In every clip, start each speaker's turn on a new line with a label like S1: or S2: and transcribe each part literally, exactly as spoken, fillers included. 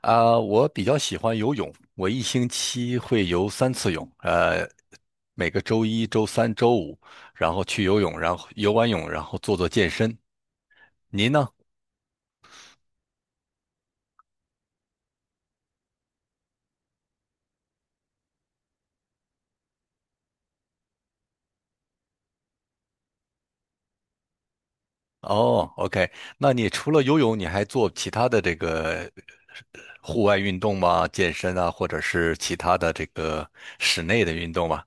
S1: 啊，我比较喜欢游泳，我一星期会游三次泳，呃，每个周一、周三、周五，然后去游泳，然后游完泳，然后做做健身。您呢？哦，OK，那你除了游泳，你还做其他的这个户外运动吗？健身啊，或者是其他的这个室内的运动吗？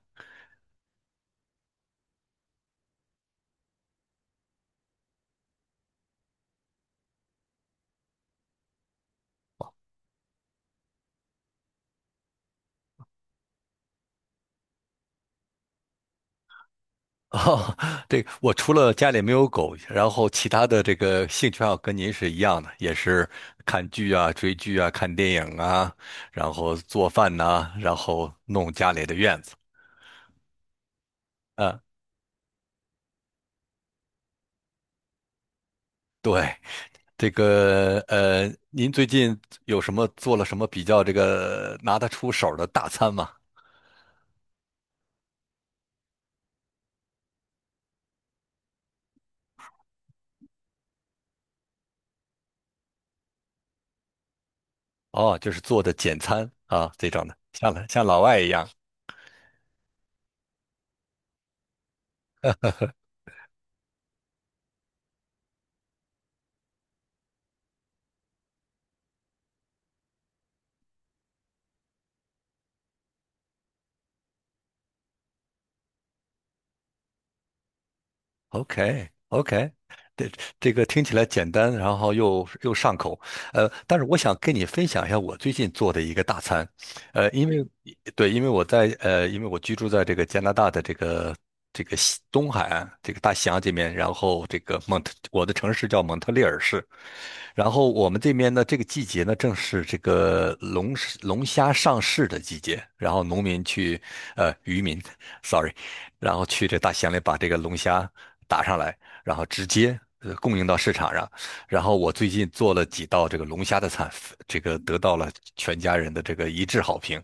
S1: 哦，对我除了家里没有狗，然后其他的这个兴趣爱好跟您是一样的，也是看剧啊、追剧啊、看电影啊，然后做饭呐、然后弄家里的院子。啊，对，这个呃，您最近有什么做了什么比较这个拿得出手的大餐吗？哦，就是做的简餐啊这种的，像像老外一样。OK，OK，这这个听起来简单，然后又又上口，呃，但是我想跟你分享一下我最近做的一个大餐，呃，因为对，因为我在呃，因为我居住在这个加拿大的这个这个西东海岸这个大西洋这边，然后这个蒙特，我的城市叫蒙特利尔市，然后我们这边呢，这个季节呢，正是这个龙市龙虾上市的季节，然后农民去，呃，渔民 ，sorry，然后去这大西洋里把这个龙虾打上来，然后直接呃供应到市场上。然后我最近做了几道这个龙虾的菜，这个得到了全家人的这个一致好评。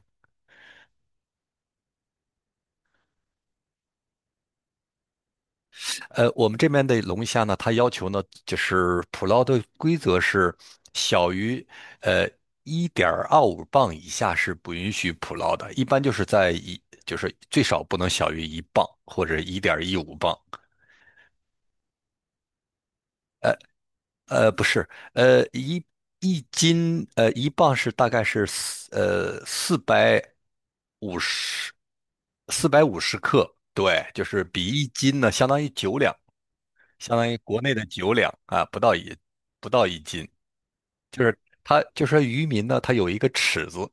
S1: 呃，我们这边的龙虾呢，它要求呢就是捕捞的规则是小于呃一点二五磅以下是不允许捕捞的，一般就是在一就是最少不能小于一磅或者一点一五磅。呃，不是，呃，一一斤，呃，一磅是大概是四呃四百五十四百五十克，对，就是比一斤呢，相当于九两，相当于国内的九两啊，不到一不到一斤。它就说渔民呢，他有一个尺子，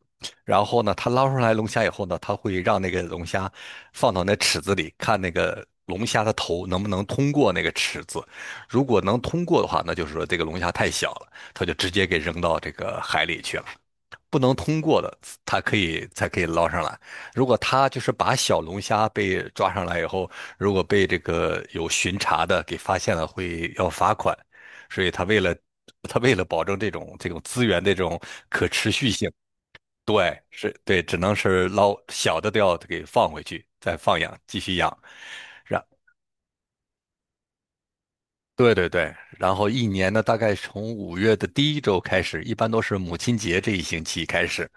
S1: 然后呢，他捞上来龙虾以后呢，他会让那个龙虾放到那尺子里，看那个龙虾的头能不能通过那个尺子。如果能通过的话，那就是说这个龙虾太小了，他就直接给扔到这个海里去了。不能通过的，它可以才可以捞上来。如果它就是把小龙虾被抓上来以后，如果被这个有巡查的给发现了，会要罚款。所以它为了它为了保证这种这种资源的这种可持续性，对，是对，只能是捞小的都要给放回去，再放养，继续养。对对对，然后一年呢，大概从五月的第一周开始，一般都是母亲节这一星期开始，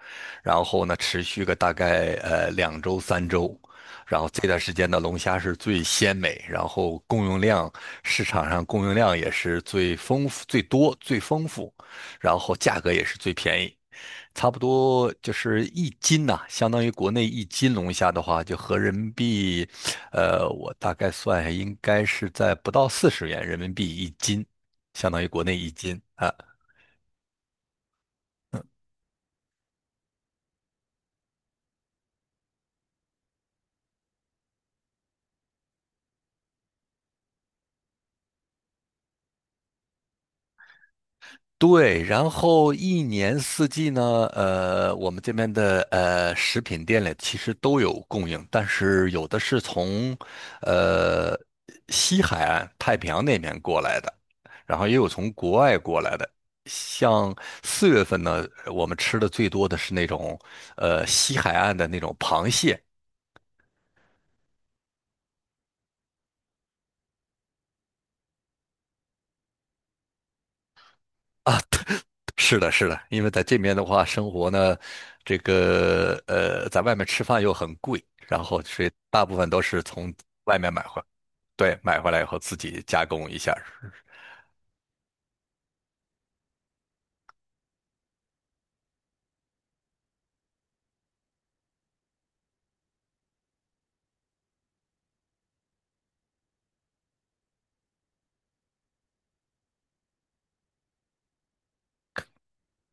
S1: 然后呢，持续个大概呃两周三周，然后这段时间呢，龙虾是最鲜美，然后供应量市场上供应量也是最丰富、最多、最丰富，然后价格也是最便宜，差不多就是一斤呐、相当于国内一斤龙虾的话，就合人民币呃，我大概算一下，应该是在不到四十元人民币一斤，相当于国内一斤啊。对，然后一年四季呢，呃，我们这边的呃食品店里其实都有供应，但是有的是从呃西海岸太平洋那边过来的，然后也有从国外过来的。像四月份呢，我们吃的最多的是那种呃西海岸的那种螃蟹，是的，是的，因为在这边的话，生活呢，这个呃，在外面吃饭又很贵，然后所以大部分都是从外面买回，对，买回来以后自己加工一下儿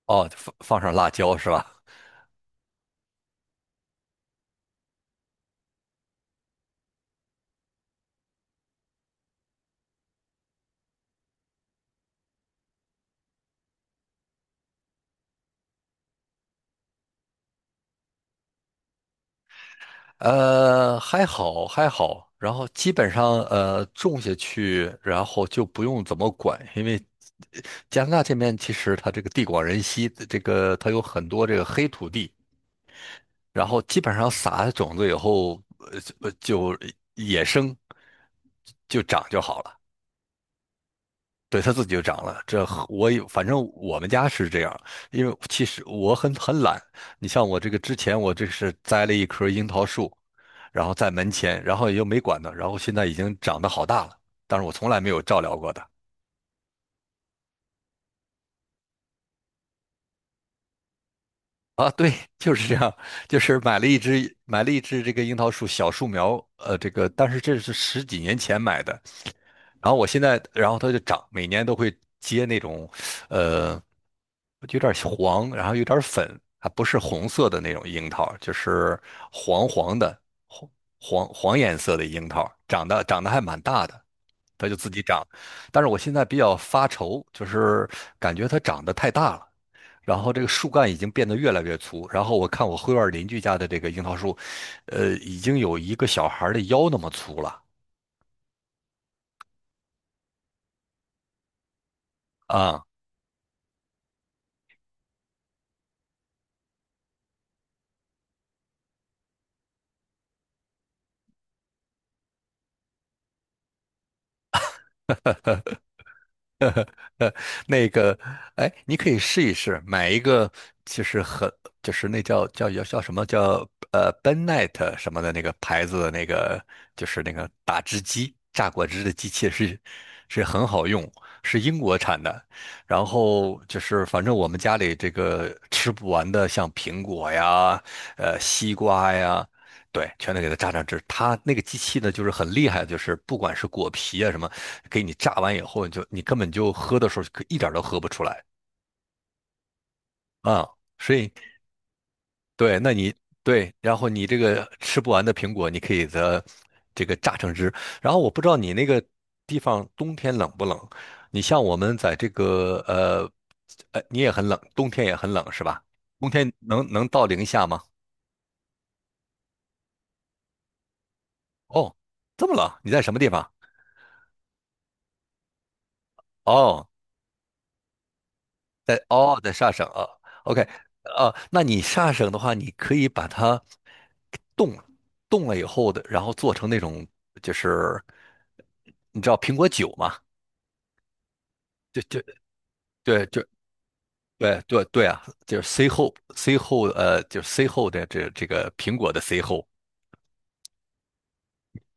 S1: 哦，放放上辣椒是吧？呃，还好还好，然后基本上呃种下去，然后就不用怎么管，因为加拿大这边其实它这个地广人稀，这个它有很多这个黑土地，然后基本上撒了种子以后，呃，就呃就野生就长就好了，对，它自己就长了。这和我有，反正我们家是这样，因为其实我很很懒。你像我这个之前，我这是栽了一棵樱桃树，然后在门前，然后也就没管它，然后现在已经长得好大了，但是我从来没有照料过它。啊，对，就是这样，就是买了一只买了一只这个樱桃树小树苗，呃，这个但是这是十几年前买的。然后我现在，然后它就长，每年都会结那种，呃，有点黄，然后有点粉，它不是红色的那种樱桃，就是黄黄的，黄黄黄颜色的樱桃，长得长得还蛮大的，它就自己长。但是我现在比较发愁，就是感觉它长得太大了，然后这个树干已经变得越来越粗，然后我看我后院邻居家的这个樱桃树，呃，已经有一个小孩儿的腰那么粗了。啊，呃，那个，哎，你可以试一试，买一个，就是很，就是那叫叫叫叫什么叫呃 b e n e t 什么的那个牌子的那个，就是那个打汁机，榨果汁的机器是是很好用，是英国产的。然后就是反正我们家里这个吃不完的，像苹果呀，呃，西瓜呀。对，全都给它榨榨汁。它那个机器呢，就是很厉害，就是不管是果皮啊什么，给你榨完以后，你就你根本就喝的时候一点儿都喝不出来啊、所以对，那你对，然后你这个吃不完的苹果，你可以的这个榨成汁。然后我不知道你那个地方冬天冷不冷？你像我们在这个呃呃，你也很冷，冬天也很冷是吧？冬天能能到零下吗？哦，这么冷，你在什么地方？哦，在哦，在萨省啊，OK，啊，那你萨省的话，你可以把它冻冻了以后的，然后做成那种就是你知道苹果酒嘛？就就对就对对对啊，就是 C 后 C 后呃，就是 C 后的这这个苹果的 C 后，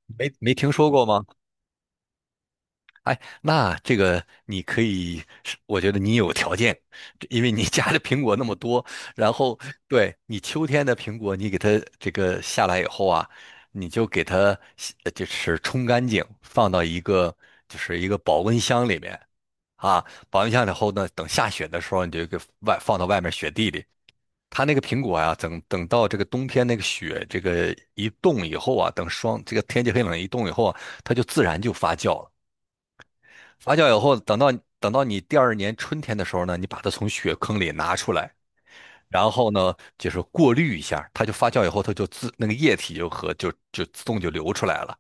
S1: 没没听说过吗？哎，那这个你可以是我觉得你有条件，这因为你家的苹果那么多，然后对你秋天的苹果，你给它这个下来以后啊，你就给它洗呃就是冲干净，放到一个就是一个保温箱里面啊，保温箱以后呢，等下雪的时候，你就给外放到外面雪地里。它那个苹果啊，等等到这个冬天那个雪这个一冻以后啊，等霜这个天气很冷一冻以后啊，它就自然就发酵了。发酵以后，等到等到你第二年春天的时候呢，你把它从雪坑里拿出来，然后呢，就是过滤一下，它就发酵以后，它就自那个液体就和就就自动就流出来了。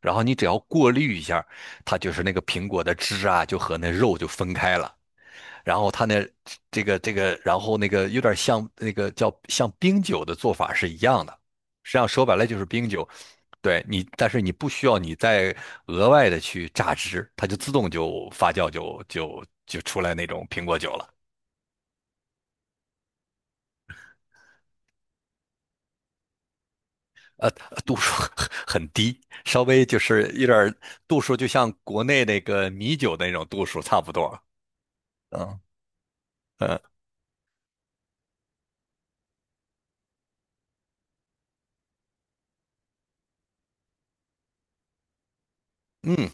S1: 然后你只要过滤一下，它就是那个苹果的汁啊，就和那肉就分开了。然后它那这个这个，然后那个有点像那个叫像冰酒的做法是一样的，实际上说白了就是冰酒。对你，但是你不需要你再额外的去榨汁，它就自动就发酵就就就出来那种苹果酒了。呃，度数 很低，稍微就是有点儿度数，就像国内那个米酒的那种度数差不多。嗯嗯嗯，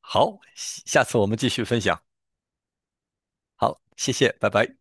S1: 好，下下次我们继续分享。好，谢谢，拜拜。